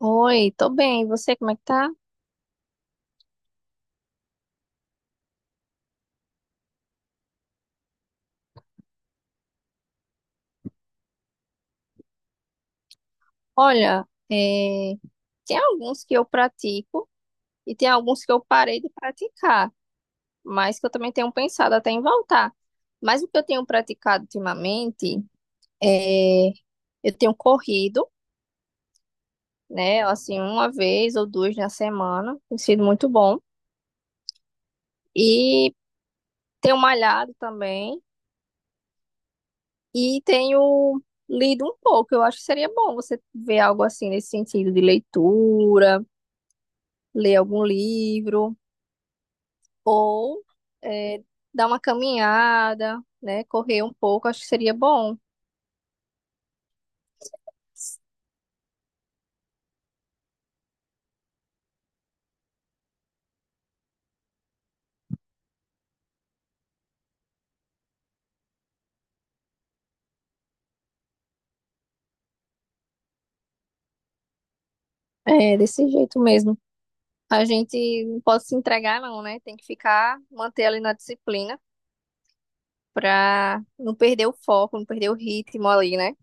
Oi, tô bem. E você, como é que tá? Olha, tem alguns que eu pratico e tem alguns que eu parei de praticar, mas que eu também tenho pensado até em voltar. Mas o que eu tenho praticado ultimamente é eu tenho corrido, né? Assim, uma vez ou duas na semana, tem sido muito bom. E tenho malhado também e tenho lido um pouco. Eu acho que seria bom você ver algo assim nesse sentido de leitura, ler algum livro. Ou é, dar uma caminhada, né? Correr um pouco, acho que seria bom. É, desse jeito mesmo. A gente não pode se entregar, não, né? Tem que ficar, manter ali na disciplina pra não perder o foco, não perder o ritmo ali, né?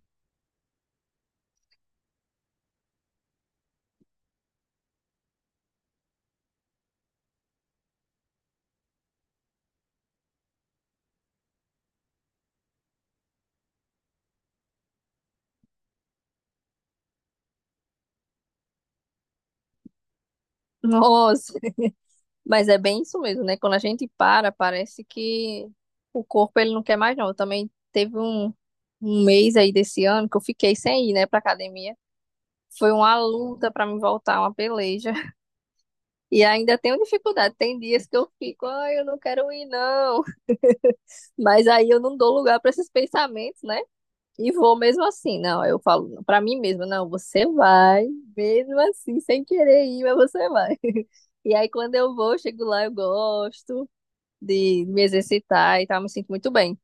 Nossa, mas é bem isso mesmo, né? Quando a gente para, parece que o corpo ele não quer mais, não. Eu também teve um mês aí desse ano que eu fiquei sem ir, né, pra academia. Foi uma luta pra me voltar, uma peleja. E ainda tenho dificuldade. Tem dias que eu fico, ai, eu não quero ir, não. Mas aí eu não dou lugar para esses pensamentos, né? E vou mesmo assim. Não, eu falo para mim mesma, não, você vai, mesmo assim, sem querer ir, mas você vai. E aí quando eu vou, eu chego lá, eu gosto de me exercitar e tal, me sinto muito bem.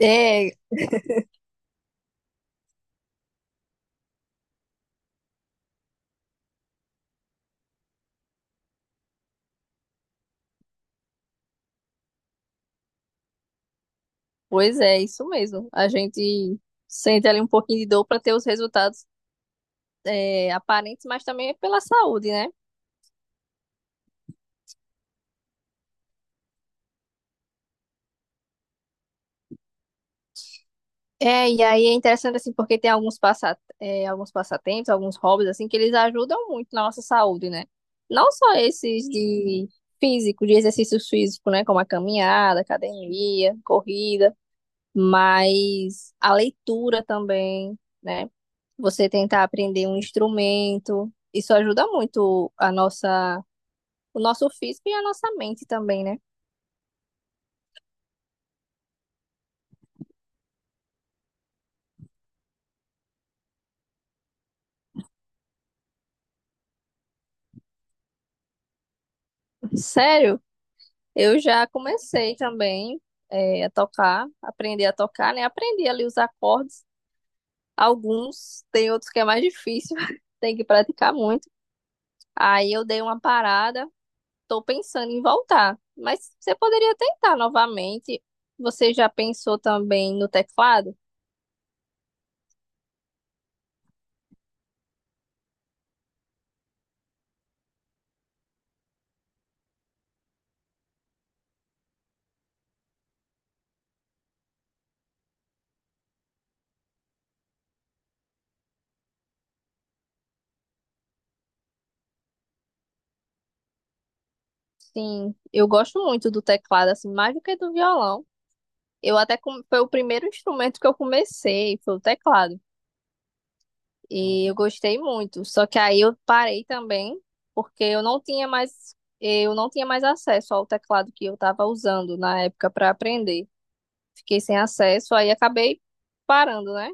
É, pois é, isso mesmo. A gente sente ali um pouquinho de dor para ter os resultados aparentes, mas também é pela saúde, né? É, e aí é interessante assim, porque tem alguns passatempos, alguns hobbies assim, que eles ajudam muito na nossa saúde, né? Não só esses de físico, de exercícios físicos, né? Como a caminhada, academia, corrida, mas a leitura também, né? Você tentar aprender um instrumento, isso ajuda muito o nosso físico e a nossa mente também, né? Sério? Eu já comecei também aprender a tocar, né? Aprendi ali os acordes, alguns, tem outros que é mais difícil, tem que praticar muito. Aí eu dei uma parada, tô pensando em voltar. Mas você poderia tentar novamente. Você já pensou também no teclado? Sim, eu gosto muito do teclado, assim, mais do que do violão. Eu até foi o primeiro instrumento que eu comecei, foi o teclado. E eu gostei muito. Só que aí eu parei também, porque eu não tinha mais acesso ao teclado que eu estava usando na época para aprender. Fiquei sem acesso, aí acabei parando, né?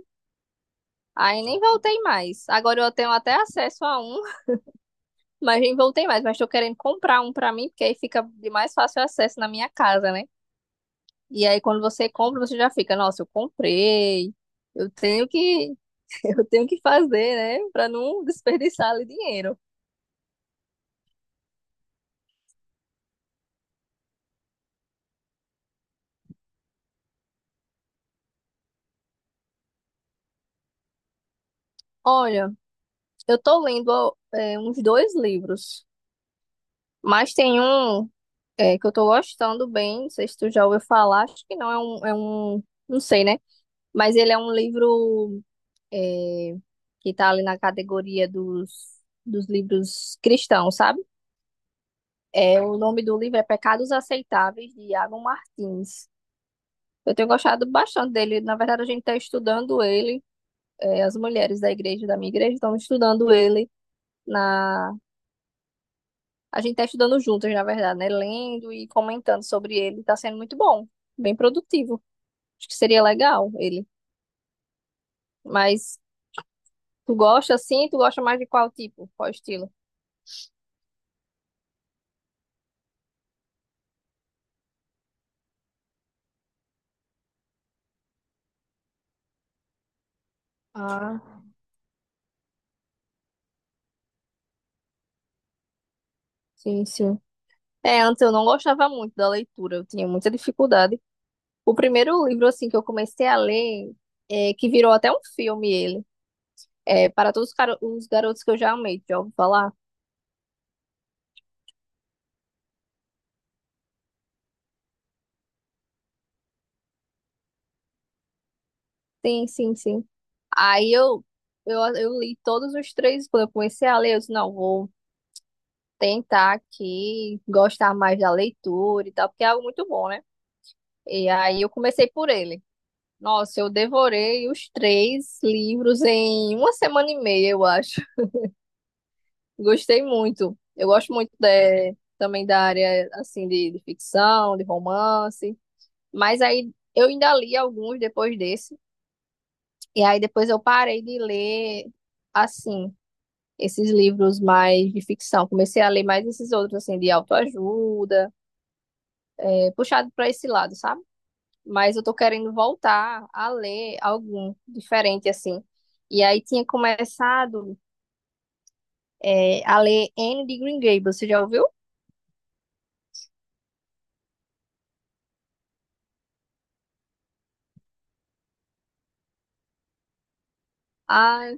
Aí nem voltei mais. Agora eu tenho até acesso a um, mas nem voltei mais. Mas estou querendo comprar um para mim, porque aí fica de mais fácil acesso na minha casa, né? E aí quando você compra, você já fica, nossa, eu comprei. Eu tenho que, eu tenho que fazer, né? Para não desperdiçar ali dinheiro. Olha, eu tô lendo uns dois livros, mas tem um que eu tô gostando bem, não sei se tu já ouviu falar, acho que não, não sei, né? Mas ele é um livro é, que tá ali na categoria dos livros cristãos, sabe? É, o nome do livro é Pecados Aceitáveis, de Iago Martins. Eu tenho gostado bastante dele, na verdade a gente tá estudando ele, as mulheres da igreja, da minha igreja, estão estudando ele. Na A gente tá estudando juntas, na verdade, né? Lendo e comentando sobre ele. Tá sendo muito bom, bem produtivo. Acho que seria legal ele. Mas tu gosta assim? Tu gosta mais de qual tipo? Qual estilo? Ah, sim, sim. É, antes eu não gostava muito da leitura, eu tinha muita dificuldade. O primeiro livro, assim, que eu comecei a ler, que virou até um filme ele, é Para Todos os os Garotos que Eu Já Amei, já ouviu falar? Sim, sim, sim. Aí eu li todos os três, quando eu comecei a ler, eu disse, não, vou tentar aqui gostar mais da leitura e tal, porque é algo muito bom, né? E aí eu comecei por ele. Nossa, eu devorei os três livros em uma semana e meia, eu acho. Gostei muito. Eu gosto muito também da área assim de ficção, de romance. Mas aí eu ainda li alguns depois desse. E aí depois eu parei de ler assim esses livros mais de ficção. Comecei a ler mais esses outros assim de autoajuda puxado para esse lado, sabe? Mas eu tô querendo voltar a ler algum diferente, assim. E aí tinha começado a ler Anne de Green Gables, você já ouviu? Ah,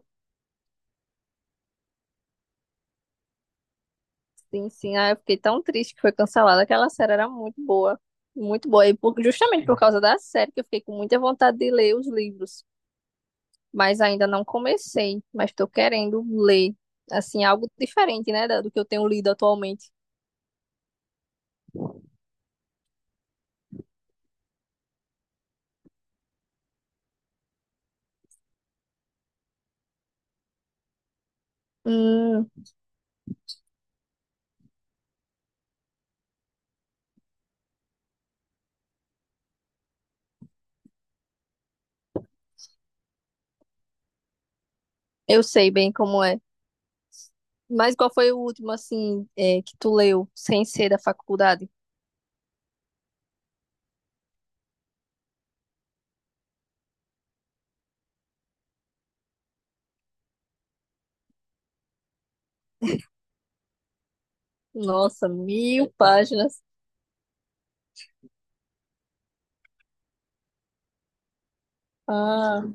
sim, sim. Ah, eu fiquei tão triste que foi cancelada. Aquela série era muito boa, muito boa. E justamente por causa da série que eu fiquei com muita vontade de ler os livros. Mas ainda não comecei, mas estou querendo ler, assim, algo diferente, né, do que eu tenho lido atualmente. Hum, eu sei bem como é. Mas qual foi o último, assim, que tu leu, sem ser da faculdade? Nossa, 1.000 páginas. Ah,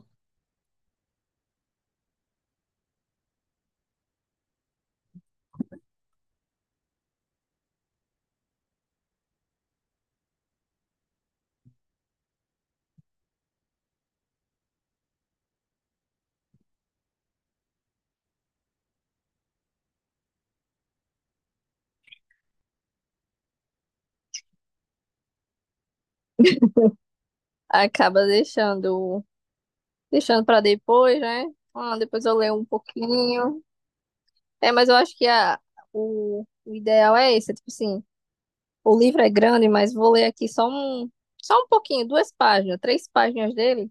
acaba deixando para depois, né? Ah, depois eu leio um pouquinho. É, mas eu acho que o ideal é esse, é tipo assim, o livro é grande, mas vou ler aqui só um pouquinho, duas páginas, três páginas dele.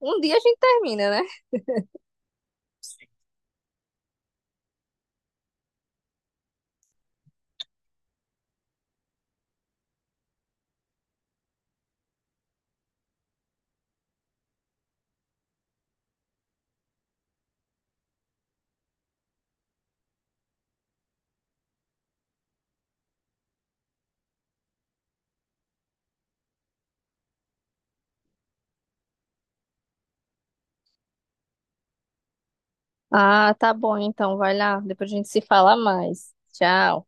Um dia a gente termina, né? Ah, tá bom, então vai lá. Depois a gente se fala mais. Tchau.